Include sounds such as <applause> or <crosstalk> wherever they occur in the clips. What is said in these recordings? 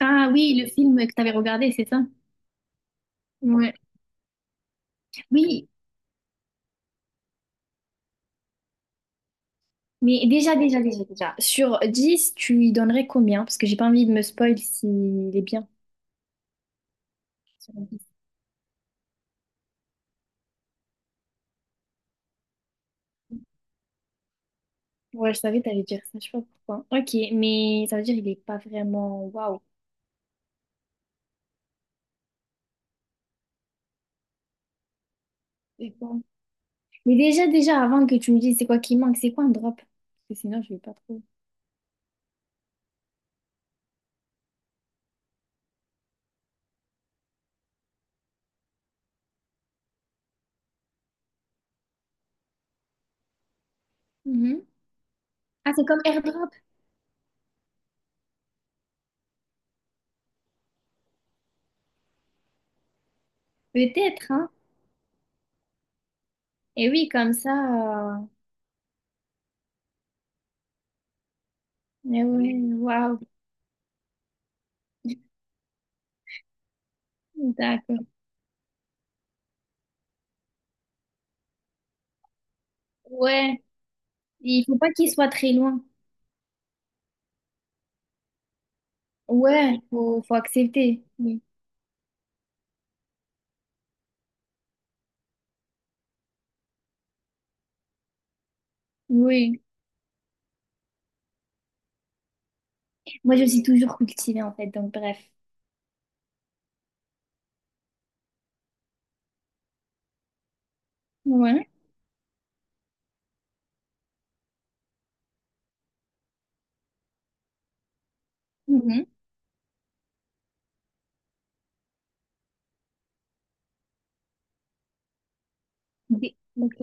Ah oui, le film que tu avais regardé, c'est ça? Ouais. Oui, mais déjà. Sur 10, tu lui donnerais combien? Parce que j'ai pas envie de me spoil s'il est bien. Sur 10. Ouais, je savais que t'allais dire ça, je sais pas pourquoi. Ok, mais ça veut dire qu'il est pas vraiment waouh. C'est quoi? Mais déjà, avant que tu me dises c'est quoi qui manque, c'est quoi un drop? Parce que sinon, je vais pas trop. Mhm. Ah, c'est comme airdrop? Peut-être, hein? Et oui, comme ça. Mais ouais, waouh. D'accord. Ouais, il faut pas qu'il soit très loin. Ouais, faut accepter. Oui. Oui. Moi, je me suis toujours cultivée, en fait, donc bref. Ouais. Mhm. Des- Ok.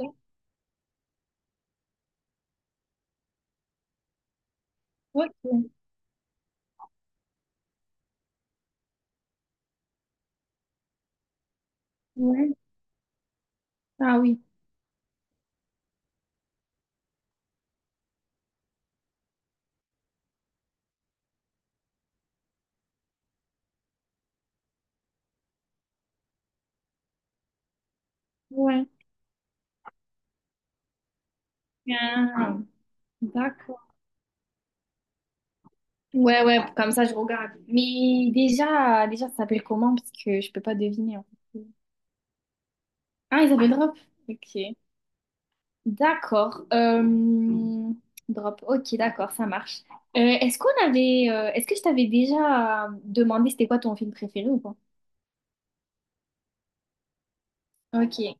Ok. Ouais. Ah oui. Ouais. Ah, d'accord. Ouais, ouais, comme ça, je regarde. Mais déjà, ça s'appelle comment? Parce que je peux pas deviner, en fait. Ah, ils s'appelle Drop. Ok. D'accord. Drop. Ok, d'accord, ça marche. Est-ce qu'on avait, est-ce que je t'avais déjà demandé c'était quoi ton film préféré ou pas? Ok.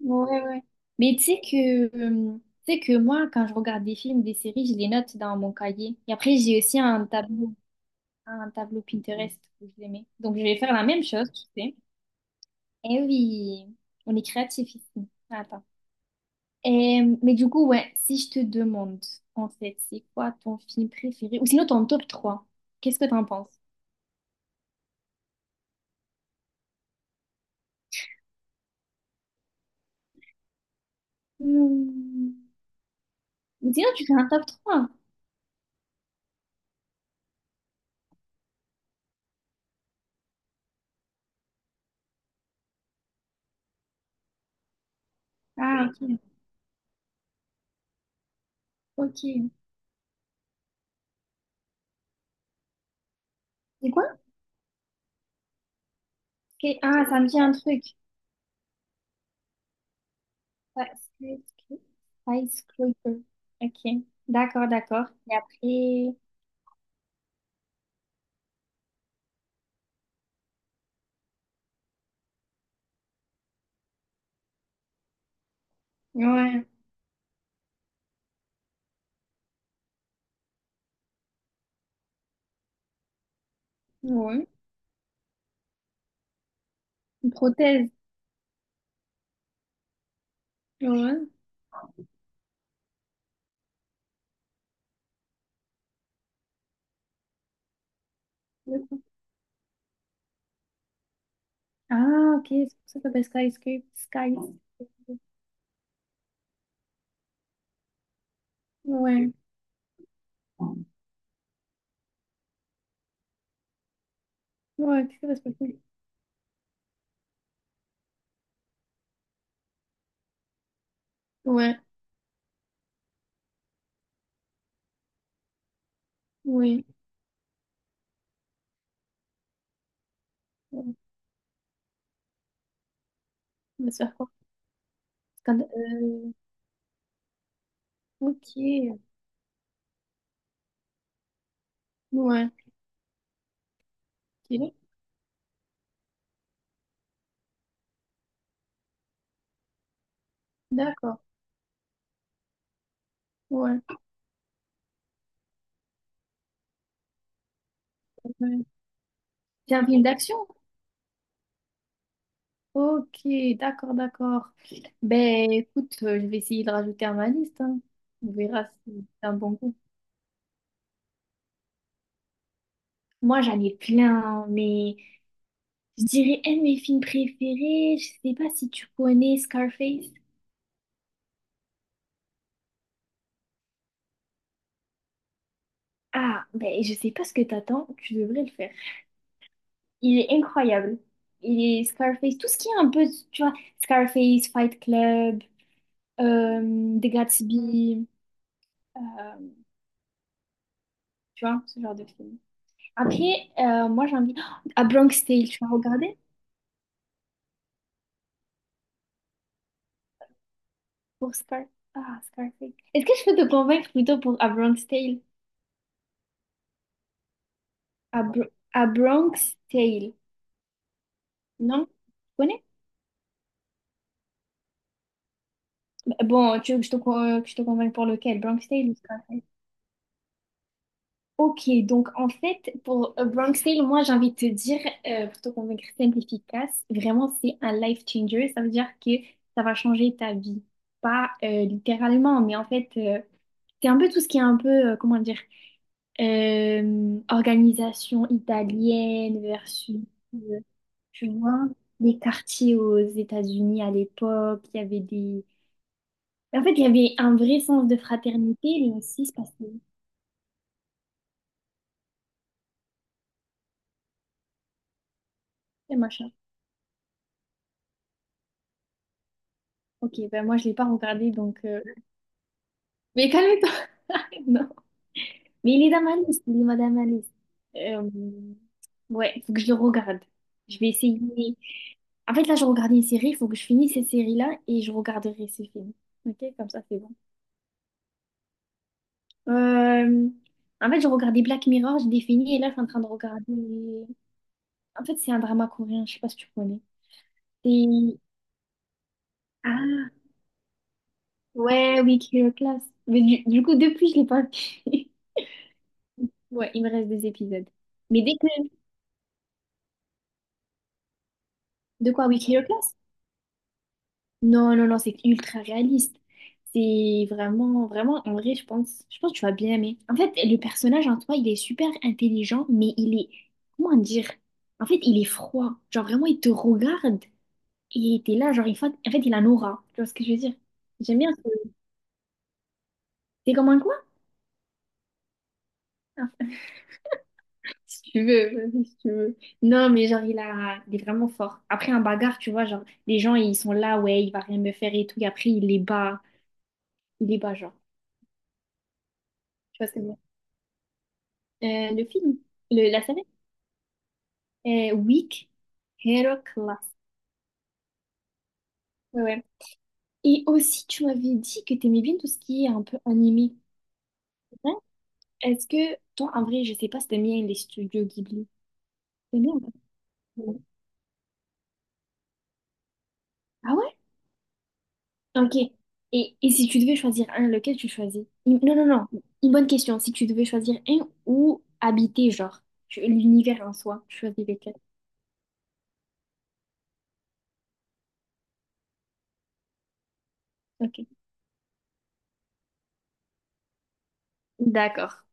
Ouais, ouais. Mais tu sais que moi, quand je regarde des films, des séries, je les note dans mon cahier. Et après, j'ai aussi un tableau Pinterest que je les mets. Donc, je vais faire la même chose, tu sais. Eh oui, on est créatif ici. Attends. Et, mais du coup, ouais, si je te demande, en fait, c'est quoi ton film préféré? Ou sinon, ton top trois, qu'est-ce que t'en penses? Hmm. Ou sinon, tu fais un top trois? Ah, ok. Ok. C'est quoi? Ok. Ah, ça me dit un truc. Ouais, skyscraper. OK. D'accord, d'accord. Et après, ouais, ouais. Une prothèse. Ouais. D'accord. Ah, OK, c'est pour ça que ça s'appelle skyscraper. Sky. Ouais. Ouais, qu'est-ce que ça s'appelle? Ouais, oui. Ouais. On va se faire quoi? Scand- euh, ok. Ouais. Ok. D'accord. Ouais. Ouais. C'est un film d'action? Ok, d'accord, d'accord. Ben écoute, je vais essayer de rajouter à ma liste, hein. On verra si c'est un bon goût. Moi, j'en ai plein, hein, mais je dirais un de mes films préférés. Je sais pas si tu connais Scarface. Ah, ben je sais pas ce que t'attends, tu devrais le faire. Il est incroyable. Il est Scarface, tout ce qui est un peu, tu vois, Scarface, Fight Club, The Gatsby, euh, tu vois, ce genre de film. Après, moi j'ai envie... Ah, Bronx Tale, tu vas regarder? Pour Scar... Ah, Scarface. Est-ce que je peux te convaincre plutôt pour A Bronx Tale? A, Bro- A Bronx Tale. Non? Tu connais? Bah, bon, tu veux que je te, que je te convainque pour lequel? Bronx Tale ou Scarface? Ok, donc en fait, pour A Bronx Tale, moi j'ai envie de te dire, pour te convaincre simple, efficace, vraiment c'est un life changer. Ça veut dire que ça va changer ta vie. Pas littéralement, mais en fait, c'est un peu tout ce qui est un peu, comment dire, organisation italienne versus, euh, tu vois, les quartiers aux États-Unis à l'époque. Il y avait des... En fait, il y avait un vrai sens de fraternité, mais aussi, se passait des machin. Ok, ben moi, je l'ai pas regardé, donc... mais calme-toi! <laughs> Non. Mais il est dans ma liste, il est dans ma liste. Euh, ouais, faut que je le regarde. Je vais essayer. En fait, là, je regarde une série, il faut que je finisse cette série-là et je regarderai ces films. Ok, comme ça, c'est bon. Euh, en fait, je regardais Black Mirror, j'ai défini et là, je suis en train de regarder. En fait, c'est un drama coréen, je sais pas si tu connais. C'est. Ah, ouais, oui, Kill Class. Mais du coup, depuis, je l'ai pas vu. <laughs> Ouais, il me reste des épisodes. Mais dès que. De quoi, oui, Kill Class? Non, non, non, c'est ultra réaliste. C'est vraiment, vraiment, en vrai, je pense que tu vas bien aimer. En fait, le personnage en toi, il est super intelligent, mais il est, comment dire? En fait, il est froid. Genre, vraiment, il te regarde et t'es là, genre, en fait, il a une aura. Tu vois ce que je veux dire? J'aime bien ce... T'es comme un quoi? <laughs> Si tu veux, vas-y, si tu veux. Non, mais genre, il est vraiment fort. Après, un bagarre, tu vois, genre, les gens, ils sont là, ouais, il va rien me faire et tout, et après, il les bat. Il les bat, genre. Tu vois ce que je veux dire? Euh, le film, le- la série, Weak Hero Class. Ouais, ouais. Et aussi, tu m'avais dit que t'aimais bien tout ce qui est un peu animé, hein. Est-ce que, toi, en vrai, je sais pas si t'aimes bien les studios Ghibli. T'aimes bien ou pas? Ouais. Ah ouais? Ok. Et si tu devais choisir un, lequel tu choisis? Une- Non, non, non. Une bonne question. Si tu devais choisir un ou habiter, genre, tu- l'univers en soi, tu choisis lequel? Ok. D'accord.